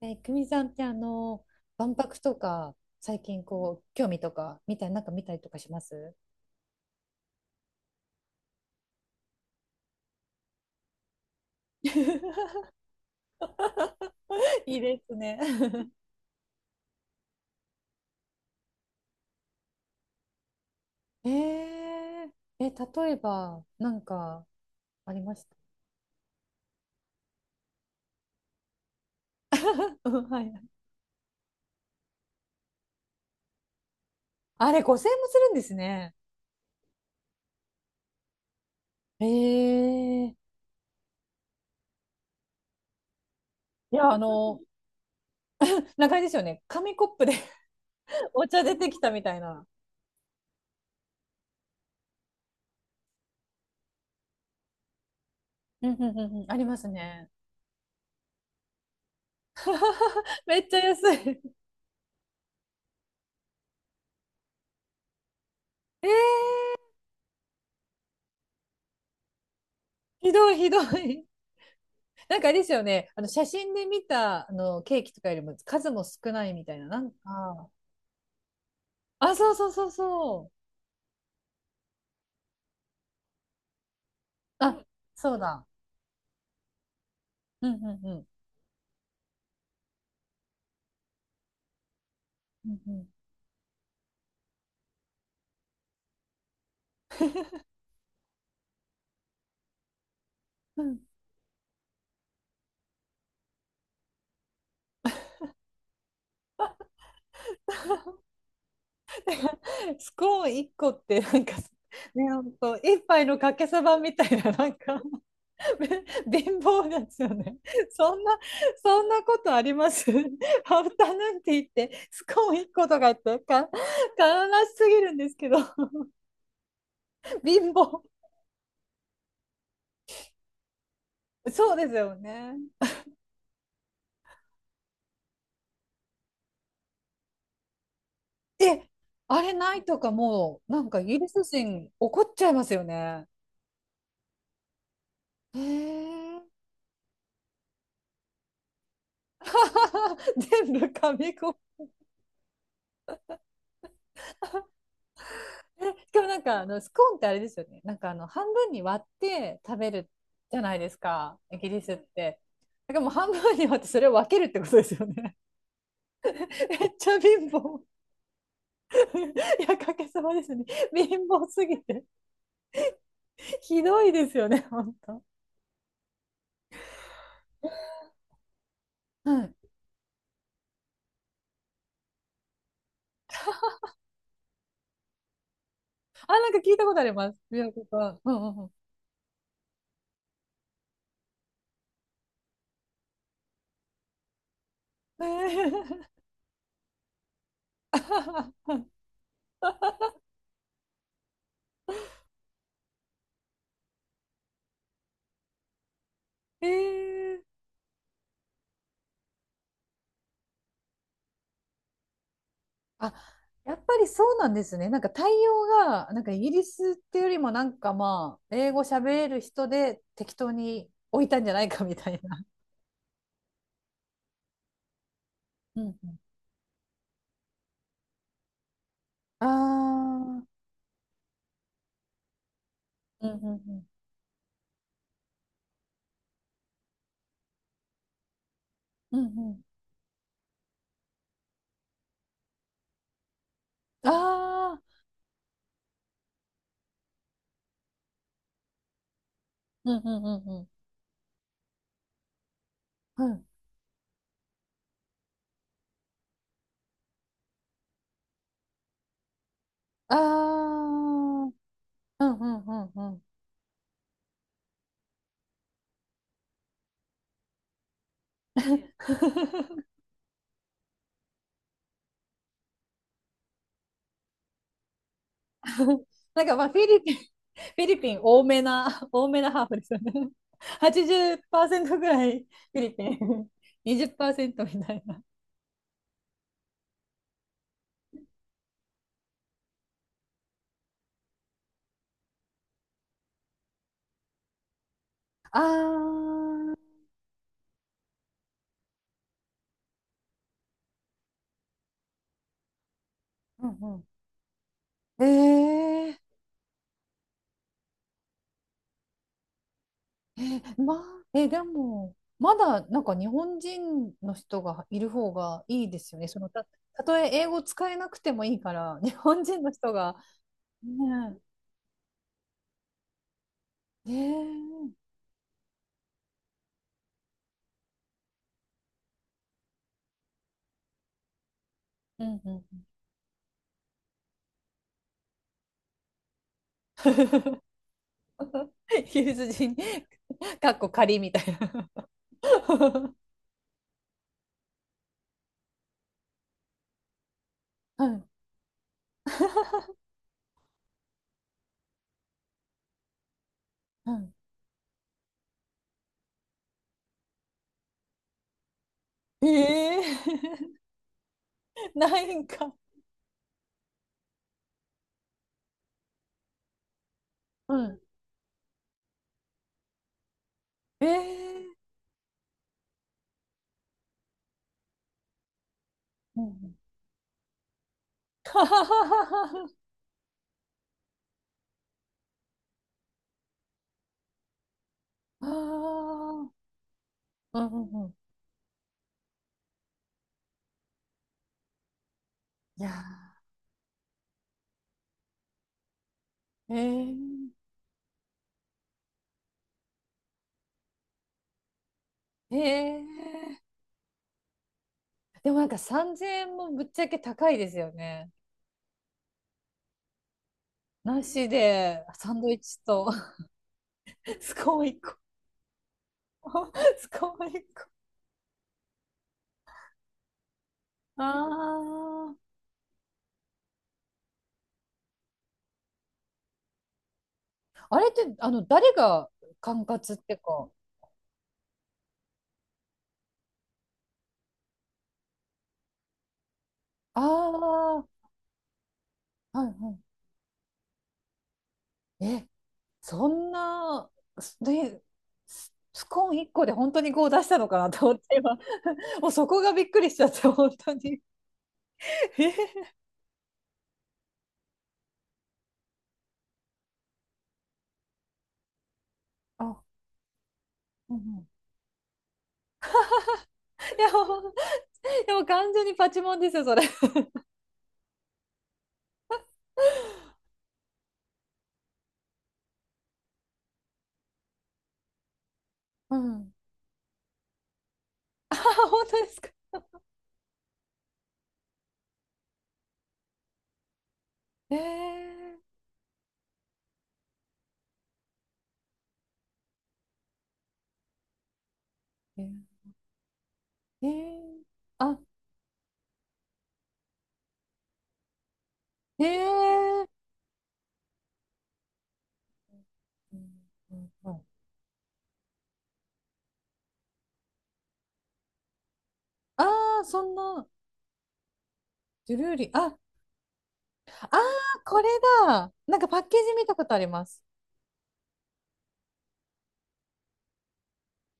ね、久美さんって万博とか、最近こう、興味とか、みたい、なんか見たりとかします？ いいですね。えー、え、例えば、なんか、ありました。うん、はい。あれ、5000円もするんですね。いや、なんかあれですよね。紙コップで お茶出てきたみたいな。うんうんうんうん、ありますね。めっちゃ安い。えー、ひどい、ひどい。なんかあれですよね、あの写真で見たあのケーキとかよりも数も少ないみたいな、なんか、あ、そうそうそうそう、あ、そうだ、うんうんうん、うんうん、うん。スコーン1個って、なんか、ね、ほんと、一杯のかけそばみたいな、なんか、貧乏なんですよね。そんな、そんなことありますハ フタヌーンティーって、スコーン1個とかってか、悲しすぎるんですけど、貧乏。そうですよね。え、あれないとかもう、なんかイギリス人怒っちゃいますよね。へえ。全部紙コップ。しかもなんかあのスコーンってあれですよね。なんかあの半分に割って食べるじゃないですか、イギリスって。だからもう半分に割ってそれを分けるってことですよね。めっちゃ貧乏。いや、かけさまですね。貧乏すぎて。ひどいですよね、本当。はい。あ、なんか聞いたことあります。美容とか。うんうんうん。ー ええ、あ、やっぱりそうなんですね。なんか対応が、なんかイギリスっていうよりもなんか、まあ、英語喋れる人で適当に置いたんじゃないかみたいな。うんうん。ああ、うんうんうん。うんうん。ああ、うんうんうんうん。うん。ああ、うんうんうんうん。なんかまあ、フィリピン多めな、多めなハーフですよね。80%ぐらいフィリピン、20%みたいな。あー、うんうん。えまあ、でも、まだなんか日本人の人がいる方がいいですよね。たとえ英語使えなくてもいいから、日本人の人が、ねえ、うんうん。ユーズ人、かっこ仮みたいな。うん。うん、ええー ないんか。うん、ええー、うんうん、はははは。ああ、うんうんうん、いやー、ええええ、でもなんか3000円もぶっちゃけ高いですよね。なしで、サンドイッチと スコーン1個。スコーン1個。ああ。あれって、誰が管轄ってか。ああ、はいはい。そんな、ね、スコーン1個で本当にこう出したのかなと思って、今、もうそこがびっくりしちゃって、本当に。えあ、うんうん。いや、ほんでも完全にパチモンですよ、それ。うん。あ、本当ですか。ええええ、あ、ええ、うんうんうん。あー、そんな、ジュルーリー、あ、ああ、これだ。なんかパッケージ見たことあります。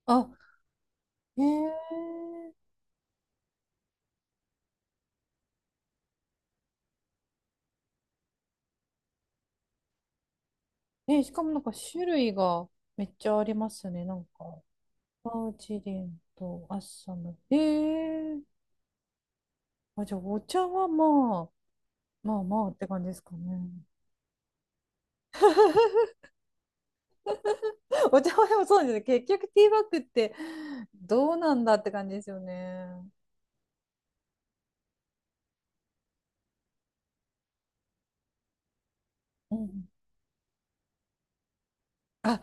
あ、ええ、ね、しかもなんか種類がめっちゃありますね。なんか、パウチデンとアッサム。あ、じゃあお茶はまあ、まあまあって感じですかね。お茶はでもそうですね。結局ティーバッグってどうなんだって感じですよね。うん。あ、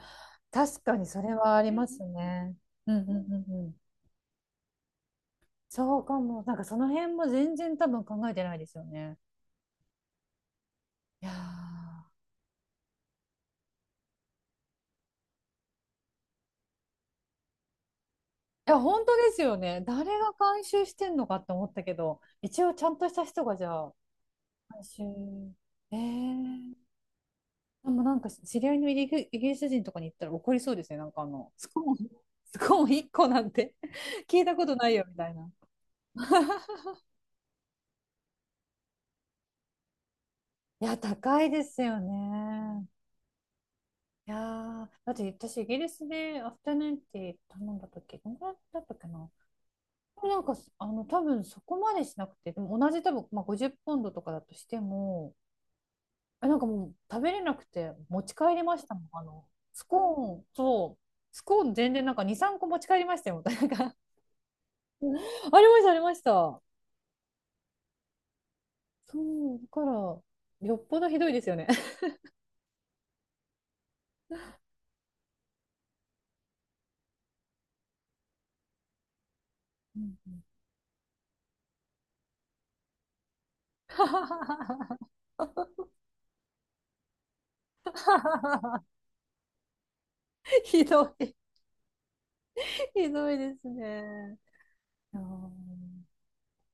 確かにそれはありますね。うんうんうんうん。そうかも。なんかその辺も全然多分考えてないですよね。いやー。いや、本当ですよね。誰が監修してんのかって思ったけど、一応ちゃんとした人がじゃあ、監修。えー、でもなんか知り合いのイギリス人とかに行ったら怒りそうですね。なんかスコーン、スコーン1個なんて 聞いたことないよみたいな。いや、高いですよね。いやー、だって私イギリスでアフタヌーンティー頼んだ時、どんぐらいだったっけな。でもなんか、多分そこまでしなくて、でも同じ多分、まあ、50ポンドとかだとしても、なんかもう食べれなくて持ち帰りましたもん。スコーン、そう、スコーン全然なんか2、3個持ち帰りましたよ。なんか ありました、ありました。そう、だから、よっぽどひどいですよね。うんうん ひどい、ひどいですね。いやー